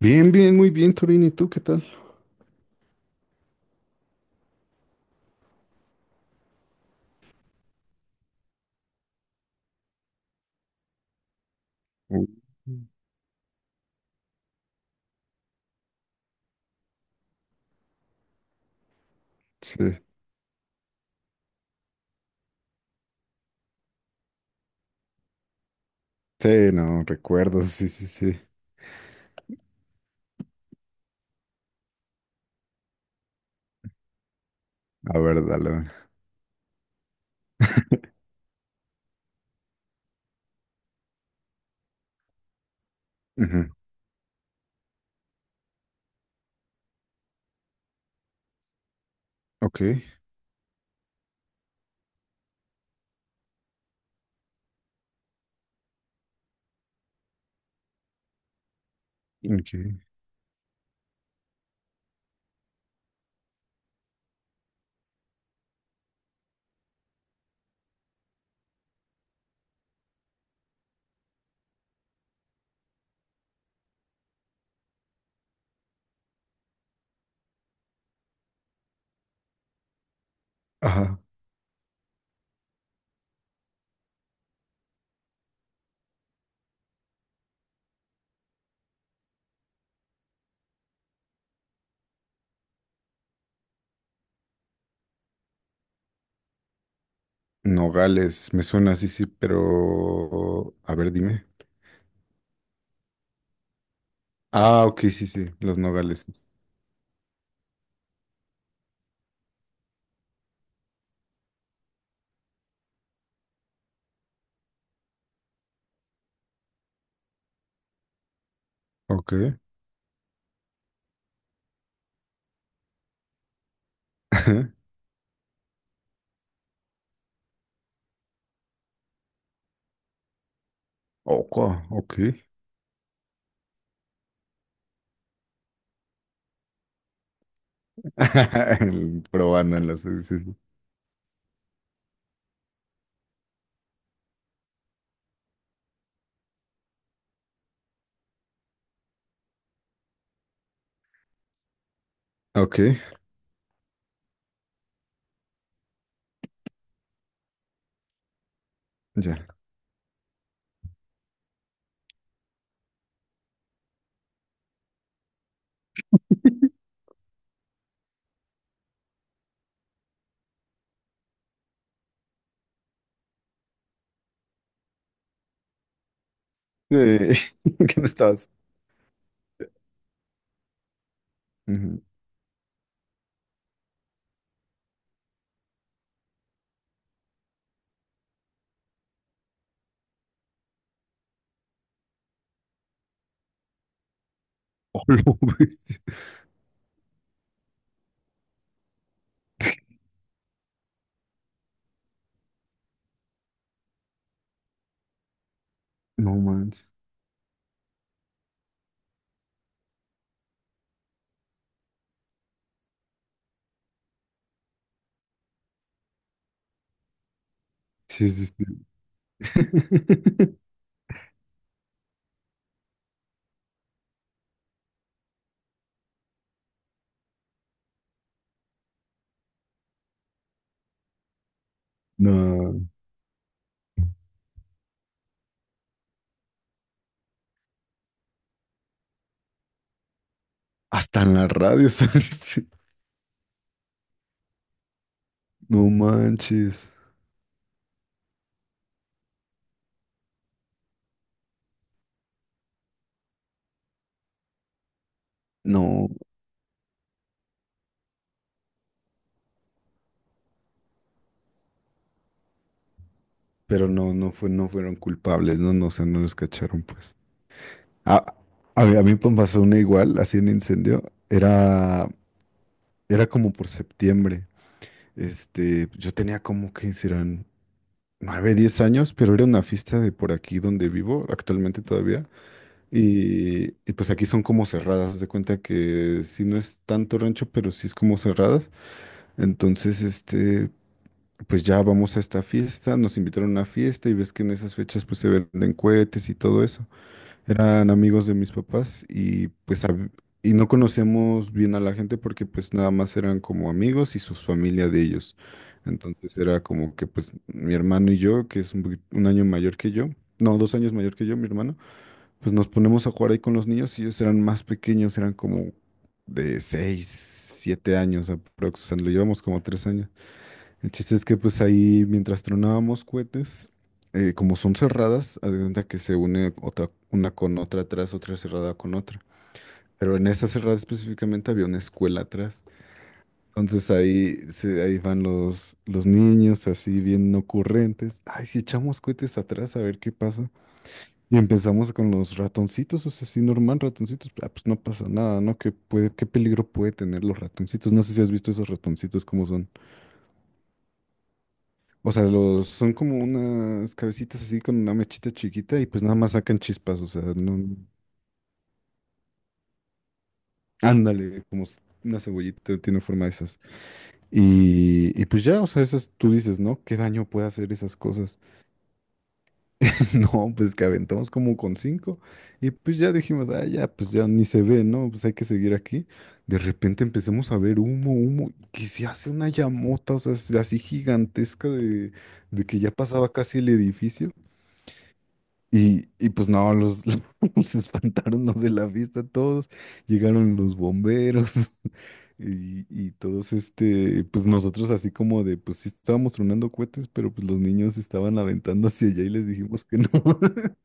Bien, bien, muy bien, Torín. ¿Y tú qué tal? Uh, Sí, sí, no, recuerdo, sí, sí, sí. A ver, dale, dale. Ujú. Ok, ok. Ajá. Nogales, me suena, sí, sí, pero... A ver, dime. Ah, ok, sí, sí, los nogales, sí. Ok. Oco, ok. Probándolas, sí, sí, sí. Ok, ya. Sí, ¿qué no estabas? Ujú. Oh. No manches. Sí, sí, sí. No, hasta en la radio saliste. No manches. No, pero no, no fue, no fueron culpables, no, no, o sea, no los cacharon, pues. A, a mí me pasó una igual, así en incendio. Era, era como por septiembre. Este, yo tenía como que serán nueve, diez años, pero era una fiesta de por aquí donde vivo, actualmente todavía. Y pues aquí son como cerradas, haz de cuenta que si no es tanto rancho, pero sí es como cerradas. Entonces, este, pues ya vamos a esta fiesta, nos invitaron a una fiesta y ves que en esas fechas pues se venden cohetes y todo eso. Eran amigos de mis papás y no conocemos bien a la gente porque pues nada más eran como amigos y sus familias de ellos. Entonces era como que pues mi hermano y yo, que es un, un año mayor que yo, no, dos años mayor que yo, mi hermano, pues nos ponemos a jugar ahí con los niños y ellos eran más pequeños, eran como de seis, siete años aproximadamente, o sea, lo llevamos como tres años. El chiste es que pues ahí mientras tronábamos cohetes, como son cerradas, haz de cuenta que se une otra, una con otra atrás, otra cerrada con otra. Pero en esa cerrada específicamente había una escuela atrás. Entonces ahí, ahí van los niños así bien ocurrentes. Ay, si echamos cohetes atrás a ver qué pasa. Y empezamos con los ratoncitos, o sea, así normal, ratoncitos. Ah, pues no pasa nada, ¿no? ¿Qué puede, qué peligro puede tener los ratoncitos? No sé si has visto esos ratoncitos, cómo son. O sea, los, son como unas cabecitas así con una mechita chiquita y pues nada más sacan chispas, o sea, no, ándale, como una cebollita tiene forma de esas. Y pues ya, o sea, esas tú dices, ¿no? ¿Qué daño puede hacer esas cosas? No, pues que aventamos como con cinco y pues ya dijimos, ah, ya, pues ya ni se ve, ¿no? Pues hay que seguir aquí. De repente empezamos a ver humo, humo, que se hace una llamota, o sea, así gigantesca de que ya pasaba casi el edificio. Y pues no, los, los espantaron los de la fiesta todos, llegaron los bomberos y todos este, pues nosotros así como de, pues sí estábamos tronando cohetes, pero pues los niños estaban aventando hacia allá y les dijimos que no.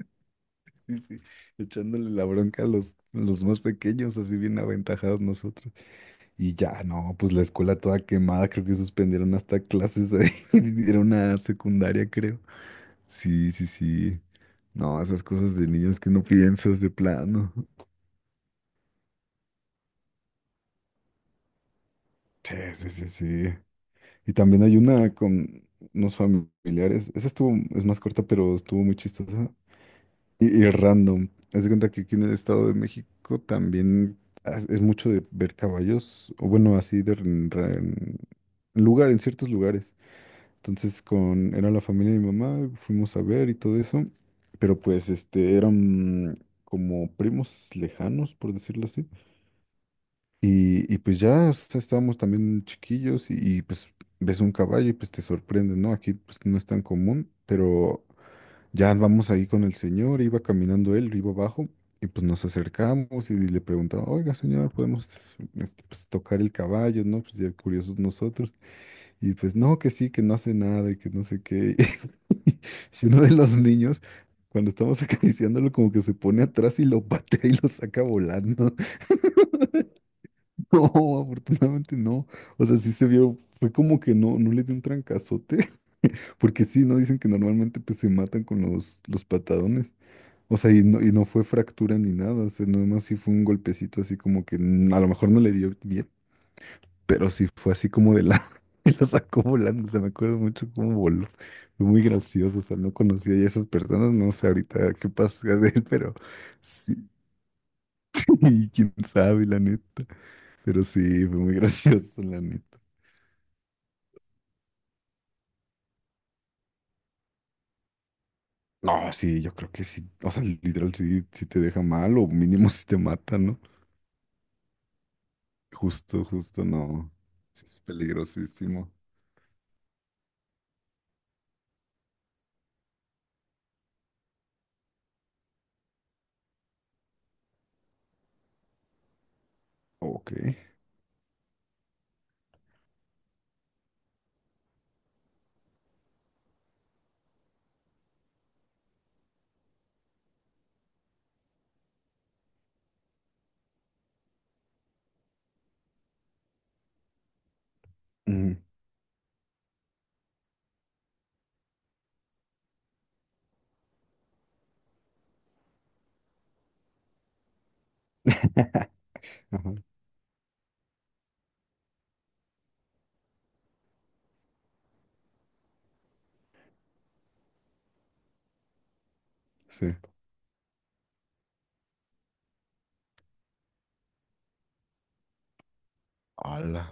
Sí, sí, echándole la bronca a los más pequeños, así bien aventajados nosotros. Y ya, no, pues la escuela toda quemada, creo que suspendieron hasta clases ahí, era una secundaria, creo. Sí, sí, sí. No, esas cosas de niños que no piensas de plano. Sí, sí, sí, sí. Y también hay una con unos familiares. Esa estuvo, es más corta, pero estuvo muy chistosa. Y random. Haz de cuenta que aquí en el Estado de México también es mucho de ver caballos, o bueno, así de en lugar, en ciertos lugares. Entonces era la familia de mi mamá, fuimos a ver y todo eso, pero pues este, eran como primos lejanos, por decirlo así. Y pues ya, o sea, estábamos también chiquillos y, pues ves un caballo y pues te sorprende, ¿no? Aquí pues no es tan común, pero ya vamos ahí con el señor, iba caminando él, iba abajo y pues nos acercamos y le preguntaba, oiga señor, ¿podemos este, pues, tocar el caballo, ¿no? Pues ya curiosos nosotros. Y pues no, que sí, que no hace nada y que no sé qué. Y uno de los niños, cuando estamos acariciándolo, como que se pone atrás y lo patea y lo saca volando. No, afortunadamente no. O sea, sí se vio, fue como que no, no le dio un trancazote, porque sí, no dicen que normalmente pues se matan con los patadones. O sea, y no fue fractura ni nada, o sea, nada más sí fue un golpecito así como que mm, a lo mejor no le dio bien, pero sí fue así como de la... Y lo sacó volando, o sea, me acuerdo mucho cómo voló. Fue muy gracioso, o sea, no conocía ya a esas personas, no sé ahorita qué pasa de él, pero sí, y quién sabe, la neta. Pero sí, fue muy gracioso, la neta. No, sí, yo creo que sí, o sea, literal sí, sí te deja mal o mínimo sí te mata, ¿no? Justo, justo, no. Sí, es peligrosísimo. Ok. Mm. Ajá, sí. Ala,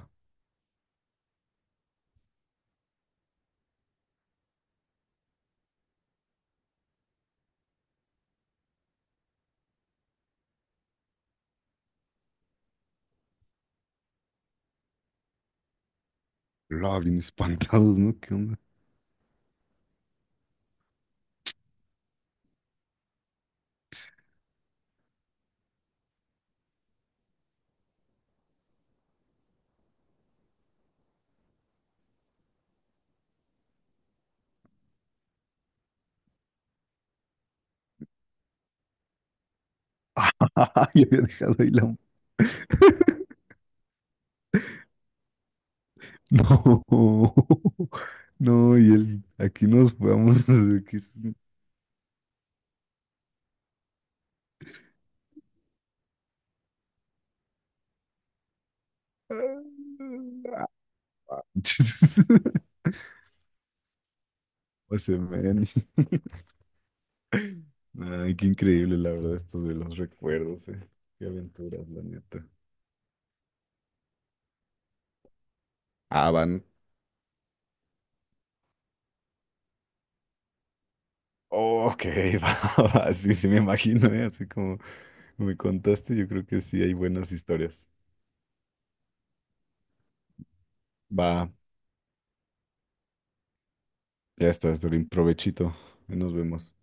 bien espantados, ¿no? ¿Qué onda? Ah, yo había dejado ahí la... No, no, y él, aquí nos vamos, aquí... O sea, man. Ay, qué increíble, la verdad, esto de los recuerdos, eh. Qué aventuras, la neta. Ah, van. Ok, va, va, sí, sí me imagino, eh. Así como me contaste, yo creo que sí hay buenas historias. Va, ya está, Dorín, provechito. Nos vemos.